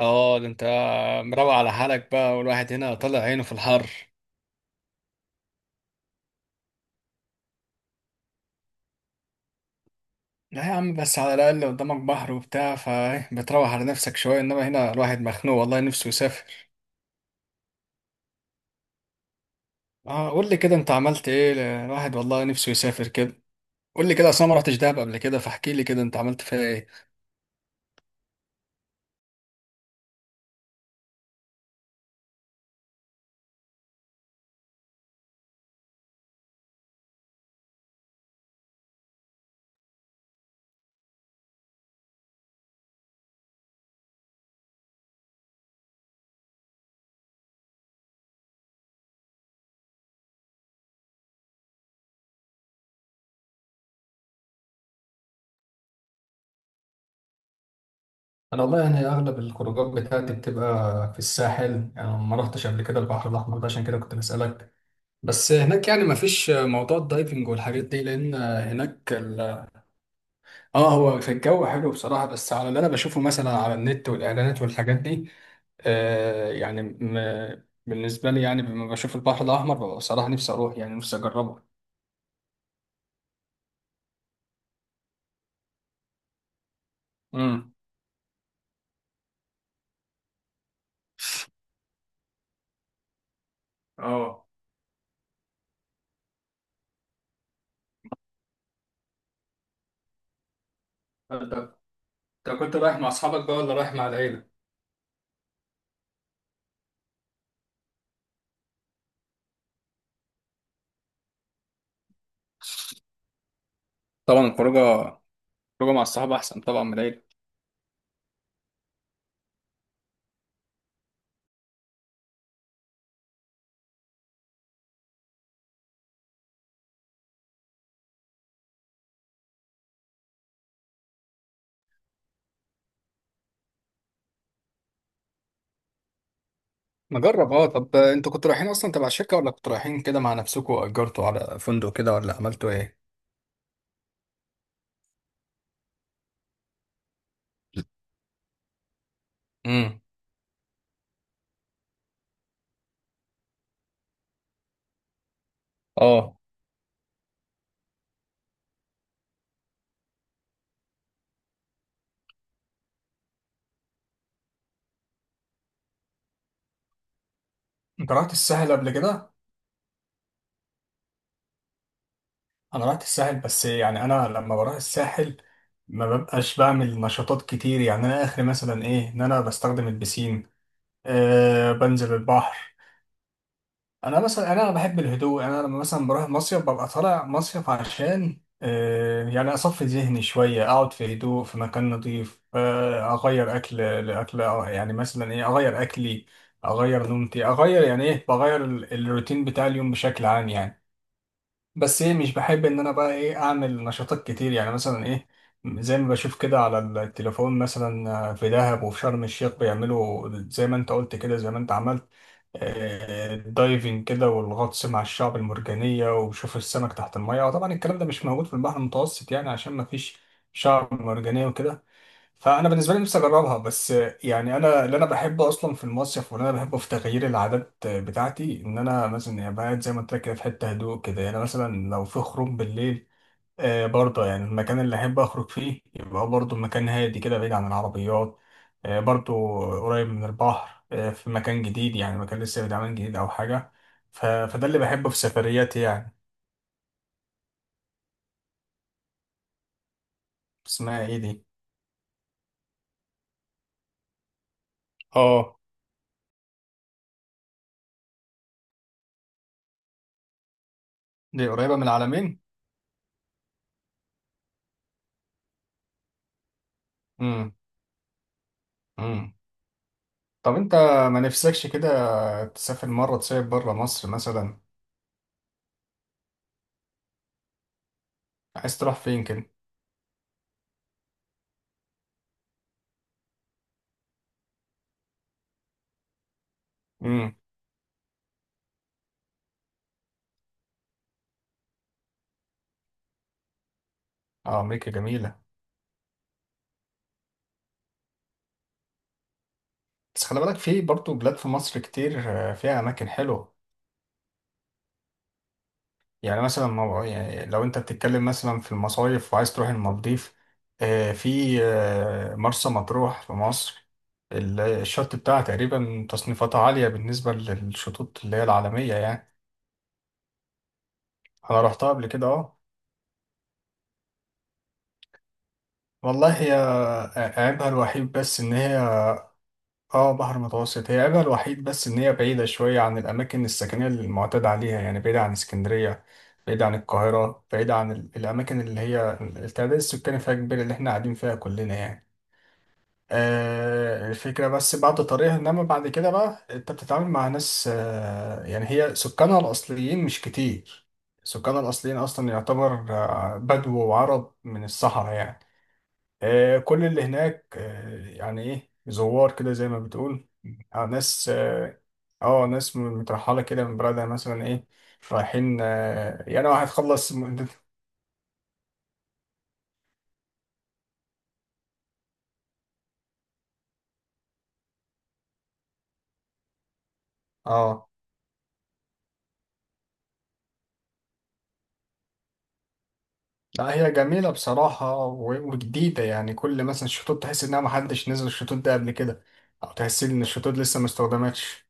اه، ده انت مروق على حالك بقى، والواحد هنا طلع عينه في الحر. لا يا عم، بس على الاقل قدامك بحر وبتاع، فبتروح على نفسك شويه، انما هنا الواحد مخنوق والله نفسه يسافر. اه قول لي كده، انت عملت ايه الواحد والله نفسه يسافر كده. قول لي كده، اصل انا ما رحتش دهب قبل كده، فاحكي لي كده انت عملت فيها ايه. انا والله يعني اغلب الخروجات بتاعتي بتبقى في الساحل، يعني ما رحتش قبل كده البحر الاحمر ده، عشان كده كنت بسالك. بس هناك يعني ما فيش موضوع الدايفنج والحاجات دي، لان هناك. اه، هو في الجو حلو بصراحة، بس على اللي انا بشوفه مثلا على النت والاعلانات والحاجات دي. آه يعني م... بالنسبة لي يعني، لما بشوف البحر الاحمر ببقى بصراحة نفسي اروح، يعني نفسي اجربه. امم. اه، انت انت كنت رايح مع اصحابك بقى، ولا رايح مع العيلة؟ طبعا الخروجه مع الصحاب احسن طبعا من العيلة. نجرب اه، طب انتوا كنتوا رايحين اصلا تبع الشركة، ولا كنتوا رايحين كده مع نفسكم، واجرتوا على فندق كده، ولا عملتوا ايه؟ امم. اه، انت رحت الساحل قبل كده؟ انا رحت الساحل، بس يعني انا لما بروح الساحل ما ببقاش بعمل نشاطات كتير، يعني انا اخر مثلا ايه ان انا بستخدم البسين. أه بنزل البحر. انا مثلا انا بحب الهدوء، يعني انا لما مثلا بروح مصيف ببقى طالع مصيف عشان يعني اصفي ذهني شويه، اقعد في هدوء في مكان نظيف، اغير اكل لاكل، يعني مثلا ايه اغير اكلي. اغير نومتي، اغير يعني ايه، بغير الروتين بتاع اليوم بشكل عام يعني. بس ايه، مش بحب ان انا بقى ايه اعمل نشاطات كتير، يعني مثلا ايه. زي ما بشوف كده على التليفون، مثلا في دهب وفي شرم الشيخ بيعملوا زي ما انت قلت كده، زي ما انت عملت. الدايفنج كده، والغطس مع الشعب المرجانية، وبشوف السمك تحت المية. وطبعا الكلام ده مش موجود في البحر المتوسط يعني، عشان ما فيش شعب مرجانية وكده. فانا بالنسبه لي نفسي اجربها بس. يعني انا اللي انا بحبه اصلا في المصيف، واللي انا بحبه في تغيير العادات بتاعتي ان انا مثلا يعني بقعد زي ما قلت لك كده في حته هدوء كده. يعني مثلا لو في خروج بالليل، آه برضه يعني المكان اللي احب اخرج فيه يبقى برضه مكان هادي كده، بعيد عن العربيات، آه برضه، قريب من البحر، آه، في مكان جديد، يعني مكان لسه بيتعمل جديد او حاجه. فده اللي بحبه في سفرياتي يعني. اسمها ايه دي؟ اه دي قريبه من العلمين. امم. طب انت، ما نفسكش كده تسافر مرة تصيف بره مصر مثلا؟ عايز تروح فين كده؟ امم. اه، امريكا جميلة. بس خلي بالك، في برضه بلاد في مصر كتير، فيها اماكن حلوة. يعني مثلا يعني لو انت بتتكلم مثلا في المصايف وعايز تروح المالديف، في مرسى مطروح في مصر. الشط بتاعها تقريبا تصنيفاتها عالية، بالنسبة للشطوط اللي هي العالمية يعني. انا رحتها قبل كده اه. والله هي عيبها الوحيد بس ان هي. اه، بحر متوسط. هي عيبها الوحيد بس ان هي بعيدة شوية عن الاماكن السكنية اللي المعتاد عليها، يعني بعيدة عن اسكندرية، بعيدة عن القاهرة، بعيدة عن الاماكن اللي هي التعداد السكاني فيها كبير، اللي احنا قاعدين فيها كلنا يعني. آه الفكرة بس بعد طريقها، انما بعد كده بقى انت بتتعامل مع ناس، آه يعني هي سكانها الاصليين مش كتير. سكانها الاصليين اصلا يعتبر بدو وعرب من الصحراء يعني. كل اللي هناك يعني ايه زوار كده زي ما بتقول. ناس اه. ناس مترحلة كده من بلدها، مثلا ايه رايحين، يعني واحد خلص اه. لا هي جميلة بصراحة وجديدة، يعني كل مثلا الشطوط تحس انها محدش نزل الشطوط ده قبل كده، او تحس ان الشطوط لسه ما استخدمتش.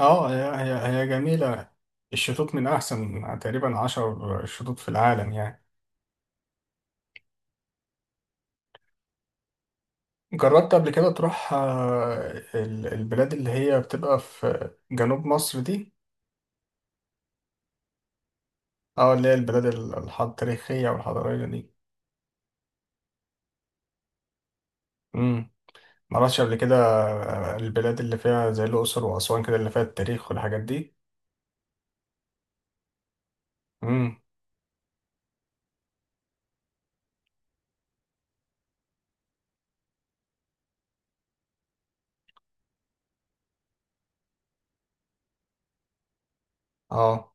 اه، هي جميلة. الشطوط من احسن تقريبا 10 شطوط في العالم يعني. جربت قبل كده تروح البلاد اللي هي بتبقى في جنوب مصر دي؟ اه اللي هي البلاد التاريخية والحضارية دي. امم. مرحتش قبل كده. البلاد اللي فيها زي الأقصر وأسوان كده، اللي فيها التاريخ والحاجات دي. امم. اه.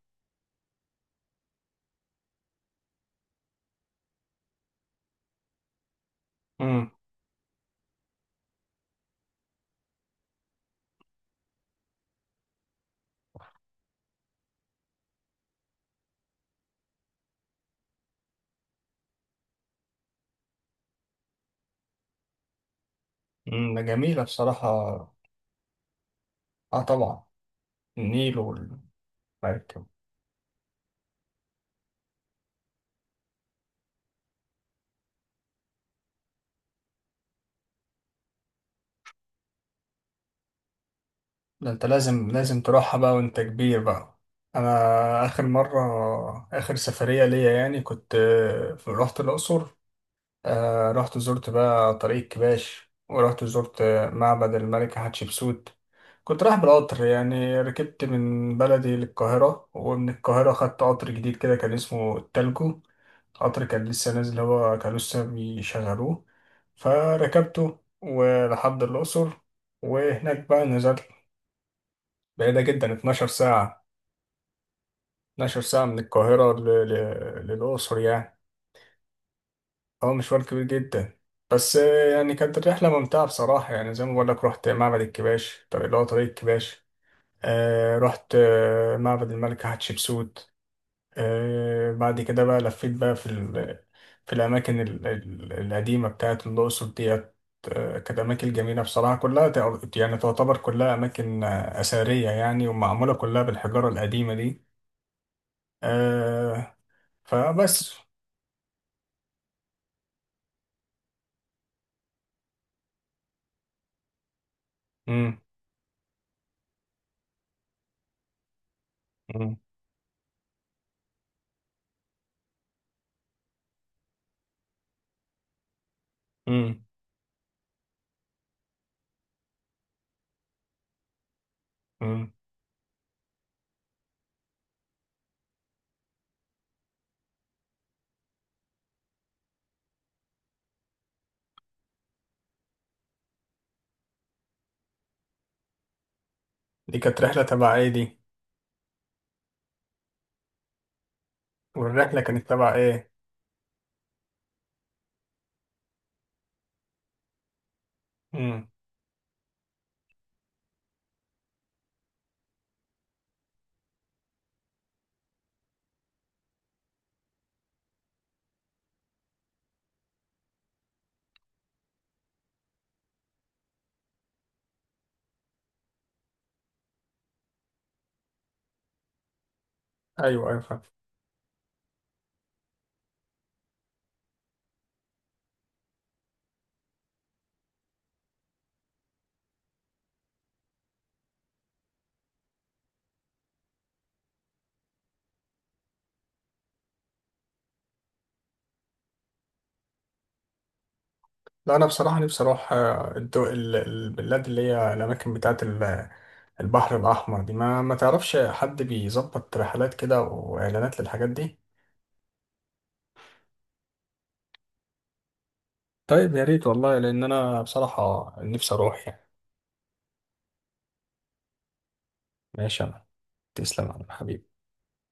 امم. أمم، ده جميلة بصراحة. اه طبعا. النيل والمركب. ده انت لازم لازم تروحها بقى وانت كبير بقى. انا اخر مرة، اخر سفرية ليا يعني، كنت رحت الأقصر. آه رحت زرت بقى طريق كباش، ورحت زرت معبد الملكة حتشبسوت. كنت رايح بالقطر، يعني ركبت من بلدي للقاهرة، ومن القاهرة خدت قطر جديد كده كان اسمه التالجو. قطر كان لسه نازل، هو كان لسه بيشغلوه. فركبته ولحد الأقصر. وهناك بقى نزلت. بعيدة جدا، 12 ساعة. 12 ساعة من القاهرة للأقصر يعني. اه، مشوار كبير جدا. بس يعني كانت الرحلة ممتعة بصراحة، يعني زي ما بقول لك رحت معبد الكباش، طب اللي هو طريق الكباش. رحت معبد الملكة حتشبسوت. آه بعد كده بقى لفيت بقى في ال، في الأماكن القديمة بتاعت الأقصر ديت. كانت أماكن جميلة بصراحة، كلها يعني تعتبر كلها أماكن أثرية يعني، ومعمولة كلها بالحجارة القديمة دي. آه. فبس. مم. مم. مم. مم. دي كانت رحلة تبع ايه دي؟ والرحلة كانت تبع إيه؟ امم. أيوه أيوه، فاهم. لا، أنا بصراحة نفسي أروح البلاد اللي هي الأماكن بتاعة البحر الأحمر دي. ما تعرفش حد بيظبط رحلات كده وإعلانات للحاجات دي؟ طيب يا ريت والله، لأن أنا بصراحة نفسي أروح يعني. ماشي أنا. تسلم يا عم حبيبي.